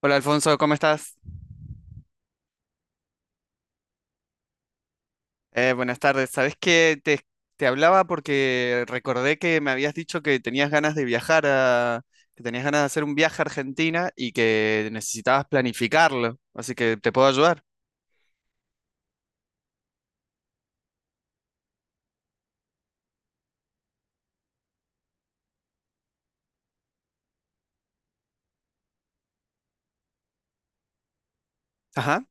Hola Alfonso, ¿cómo estás? Buenas tardes. Te hablaba porque recordé que me habías dicho que tenías ganas de viajar a, que tenías ganas de hacer un viaje a Argentina y que necesitabas planificarlo, así que te puedo ayudar. Ajá.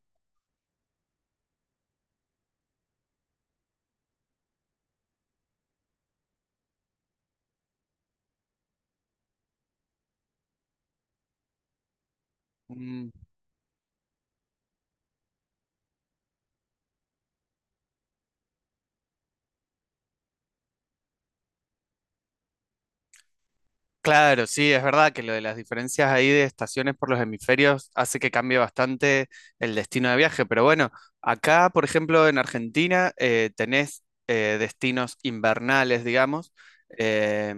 Mm, claro, sí, es verdad que lo de las diferencias ahí de estaciones por los hemisferios hace que cambie bastante el destino de viaje, pero bueno, acá, por ejemplo, en Argentina, tenés destinos invernales, digamos. eh,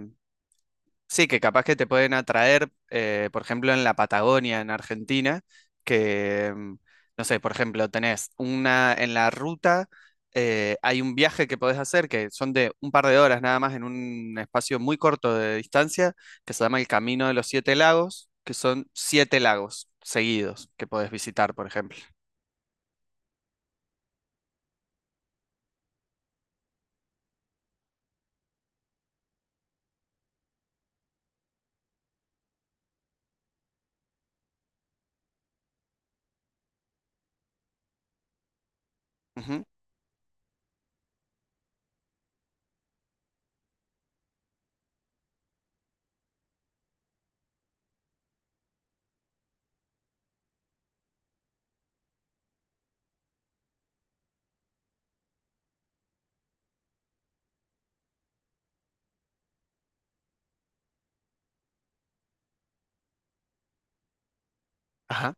Sí, que capaz que te pueden atraer, por ejemplo, en la Patagonia, en Argentina, que, mm, no sé, por ejemplo, tenés una, en la ruta, hay un viaje que podés hacer, que son de un par de horas nada más, en un espacio muy corto de distancia, que se llama el Camino de los Siete Lagos, que son siete lagos seguidos que podés visitar, por ejemplo. Ujú. Ajá.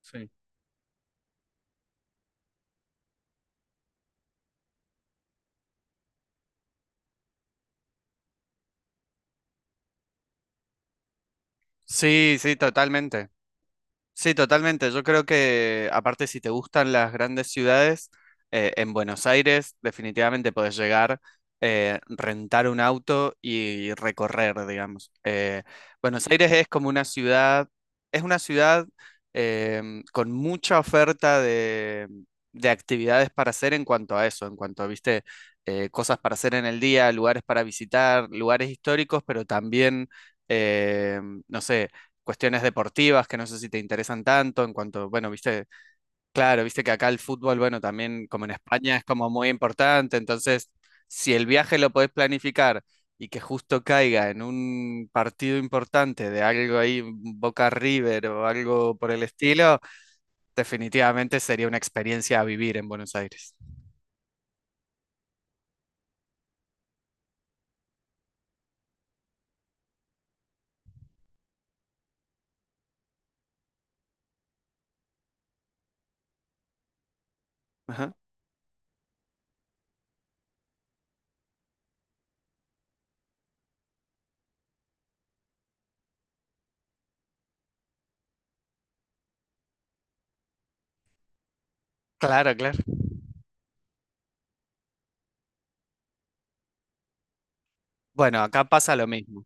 Sí. Sí, sí, totalmente. Sí, totalmente. Yo creo que, aparte, si te gustan las grandes ciudades, en Buenos Aires definitivamente podés llegar, rentar un auto y recorrer, digamos. Buenos Aires es como una ciudad, Es una ciudad con mucha de actividades para hacer en cuanto a eso, en cuanto a, viste, cosas para hacer en el día, lugares para visitar, lugares históricos, pero también no sé, cuestiones deportivas que no sé si te interesan tanto, en cuanto, bueno, viste, claro, viste que acá el fútbol, bueno, también como en España es como muy importante, entonces, si el viaje lo podés planificar y que justo caiga en un partido importante de algo ahí, Boca River o algo por el estilo, definitivamente sería una experiencia a vivir en Buenos Aires. Ajá. Claro, claro. Bueno, acá pasa lo mismo.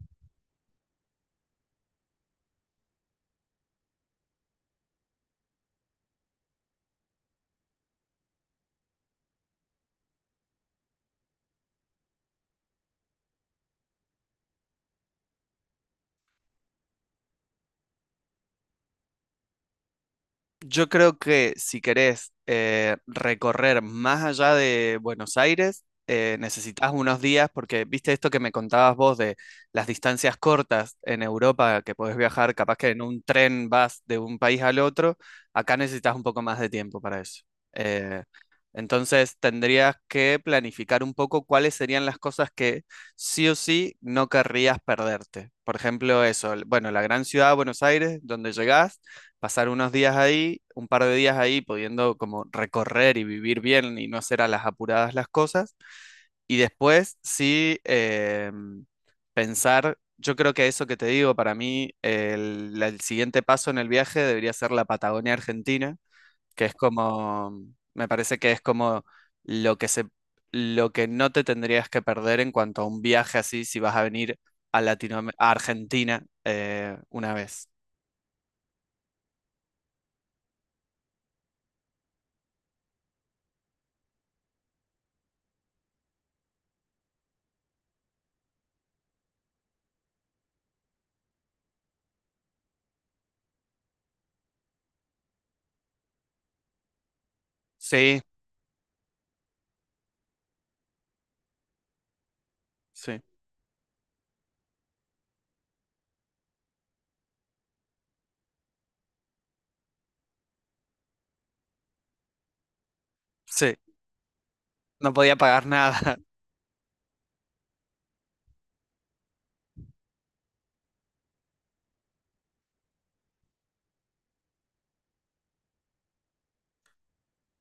Yo creo que si querés recorrer más allá de Buenos Aires, necesitas unos días porque, viste esto que me contabas vos de las distancias cortas en Europa, que podés viajar, capaz que en un tren vas de un país al otro, acá necesitas un poco más de tiempo para eso. Eh, entonces tendrías que planificar un poco cuáles serían las cosas que sí o sí no querrías perderte. Por ejemplo, eso, el- bueno, la gran ciudad de Buenos Aires, donde llegás pasar unos días ahí, un par de días ahí, pudiendo como recorrer y vivir bien y no hacer a las apuradas las cosas. Y después sí pensar, yo creo que eso que te digo, para mí el siguiente paso en el viaje debería ser la Patagonia Argentina, que es como, me parece que es como lo que se, lo que no te tendrías que perder en cuanto a un viaje así si vas a venir a Latinoam- a Argentina una vez. Sí, sí. Sí, no podía pagar nada.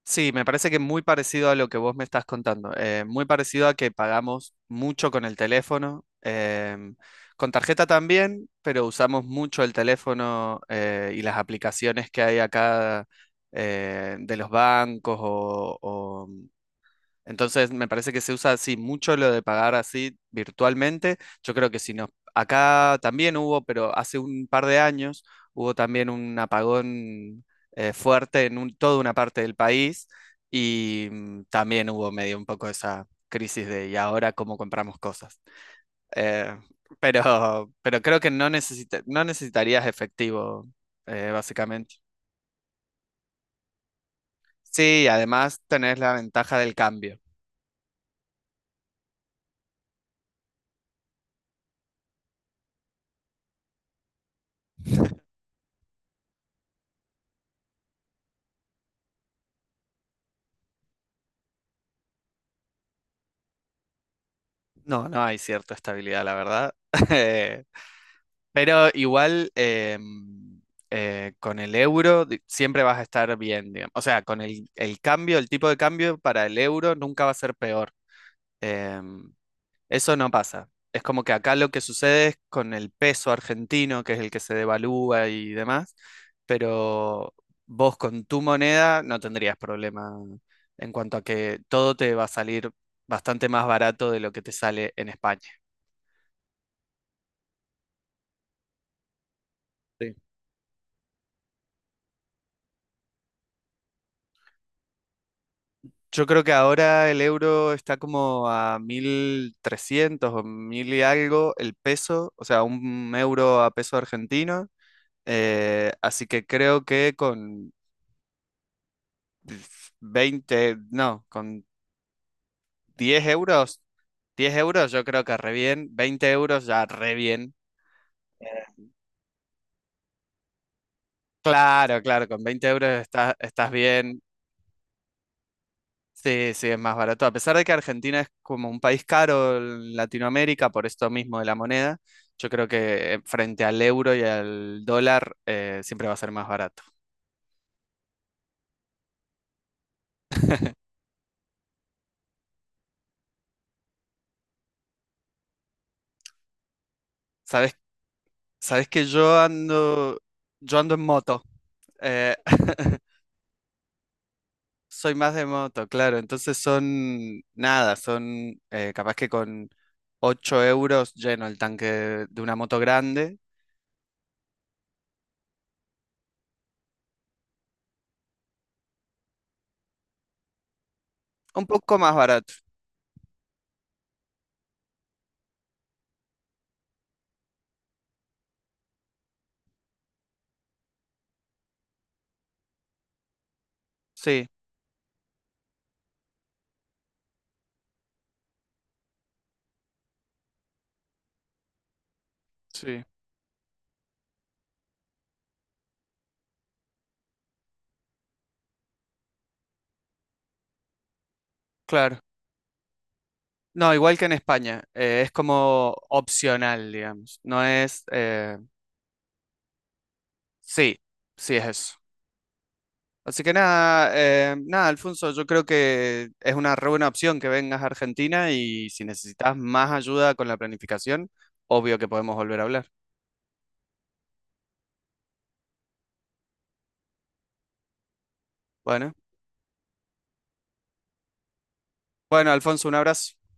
Sí, me parece que muy parecido a lo que vos me estás contando. Muy parecido a que pagamos mucho con el teléfono. Con tarjeta también, pero usamos mucho el teléfono y las aplicaciones que hay acá de los bancos o, entonces me parece que se usa así mucho lo de pagar así virtualmente. Yo creo que si nos, acá también hubo, pero hace un par de años hubo también un apagón fuerte en un- toda una parte del país y también hubo medio un poco esa crisis de y ahora cómo compramos cosas. Eh, pero creo que no necesitarías efectivo, básicamente. Sí, además tenés la ventaja del cambio. No, no hay cierta estabilidad, la verdad. Eh, Pero igual em, con el siempre vas a estar bien, digamos. O sea, con el cambio, el tipo de cambio para el euro nunca va a ser peor. Em, Eso no pasa. Es como que acá lo que sucede es con el peso argentino, que es el que se devalúa y demás, pero vos con tu moneda no tendrías problema en cuanto a que todo te va a salir bastante más barato de lo que te sale en España. Yo creo que ahora el euro está como a 1300 o 1.000 y algo el peso, o sea, un euro a peso argentino. Así que creo que con 20 no, con 10 euros, 10 euros yo creo que re bien, 20 euros ya re bien. Claro, claro, con 20 euros estás, estás bien. Sí, sí, es más barato. A pesar de que Argentina es como un país caro en Latinoamérica, por esto mismo de la moneda, yo creo que frente al euro y al dólar siempre va a ser más barato. ¿Sabes? ¿Sabes que yo ando, yo ando en moto? Eh, soy más de moto, claro. Entonces son nada, son capaz que con 8 euros lleno el tanque de una moto grande. Un poco más barato. Sí, sí, claro. No, igual que en España, es como opcional, digamos. No es... sí, sí es eso. Así que nada, nada, Alfonso, yo creo que es una re buena opción que vengas a Argentina y si necesitas más ayuda con la planificación, obvio que podemos volver a hablar. Bueno, bueno, Alfonso, un abrazo.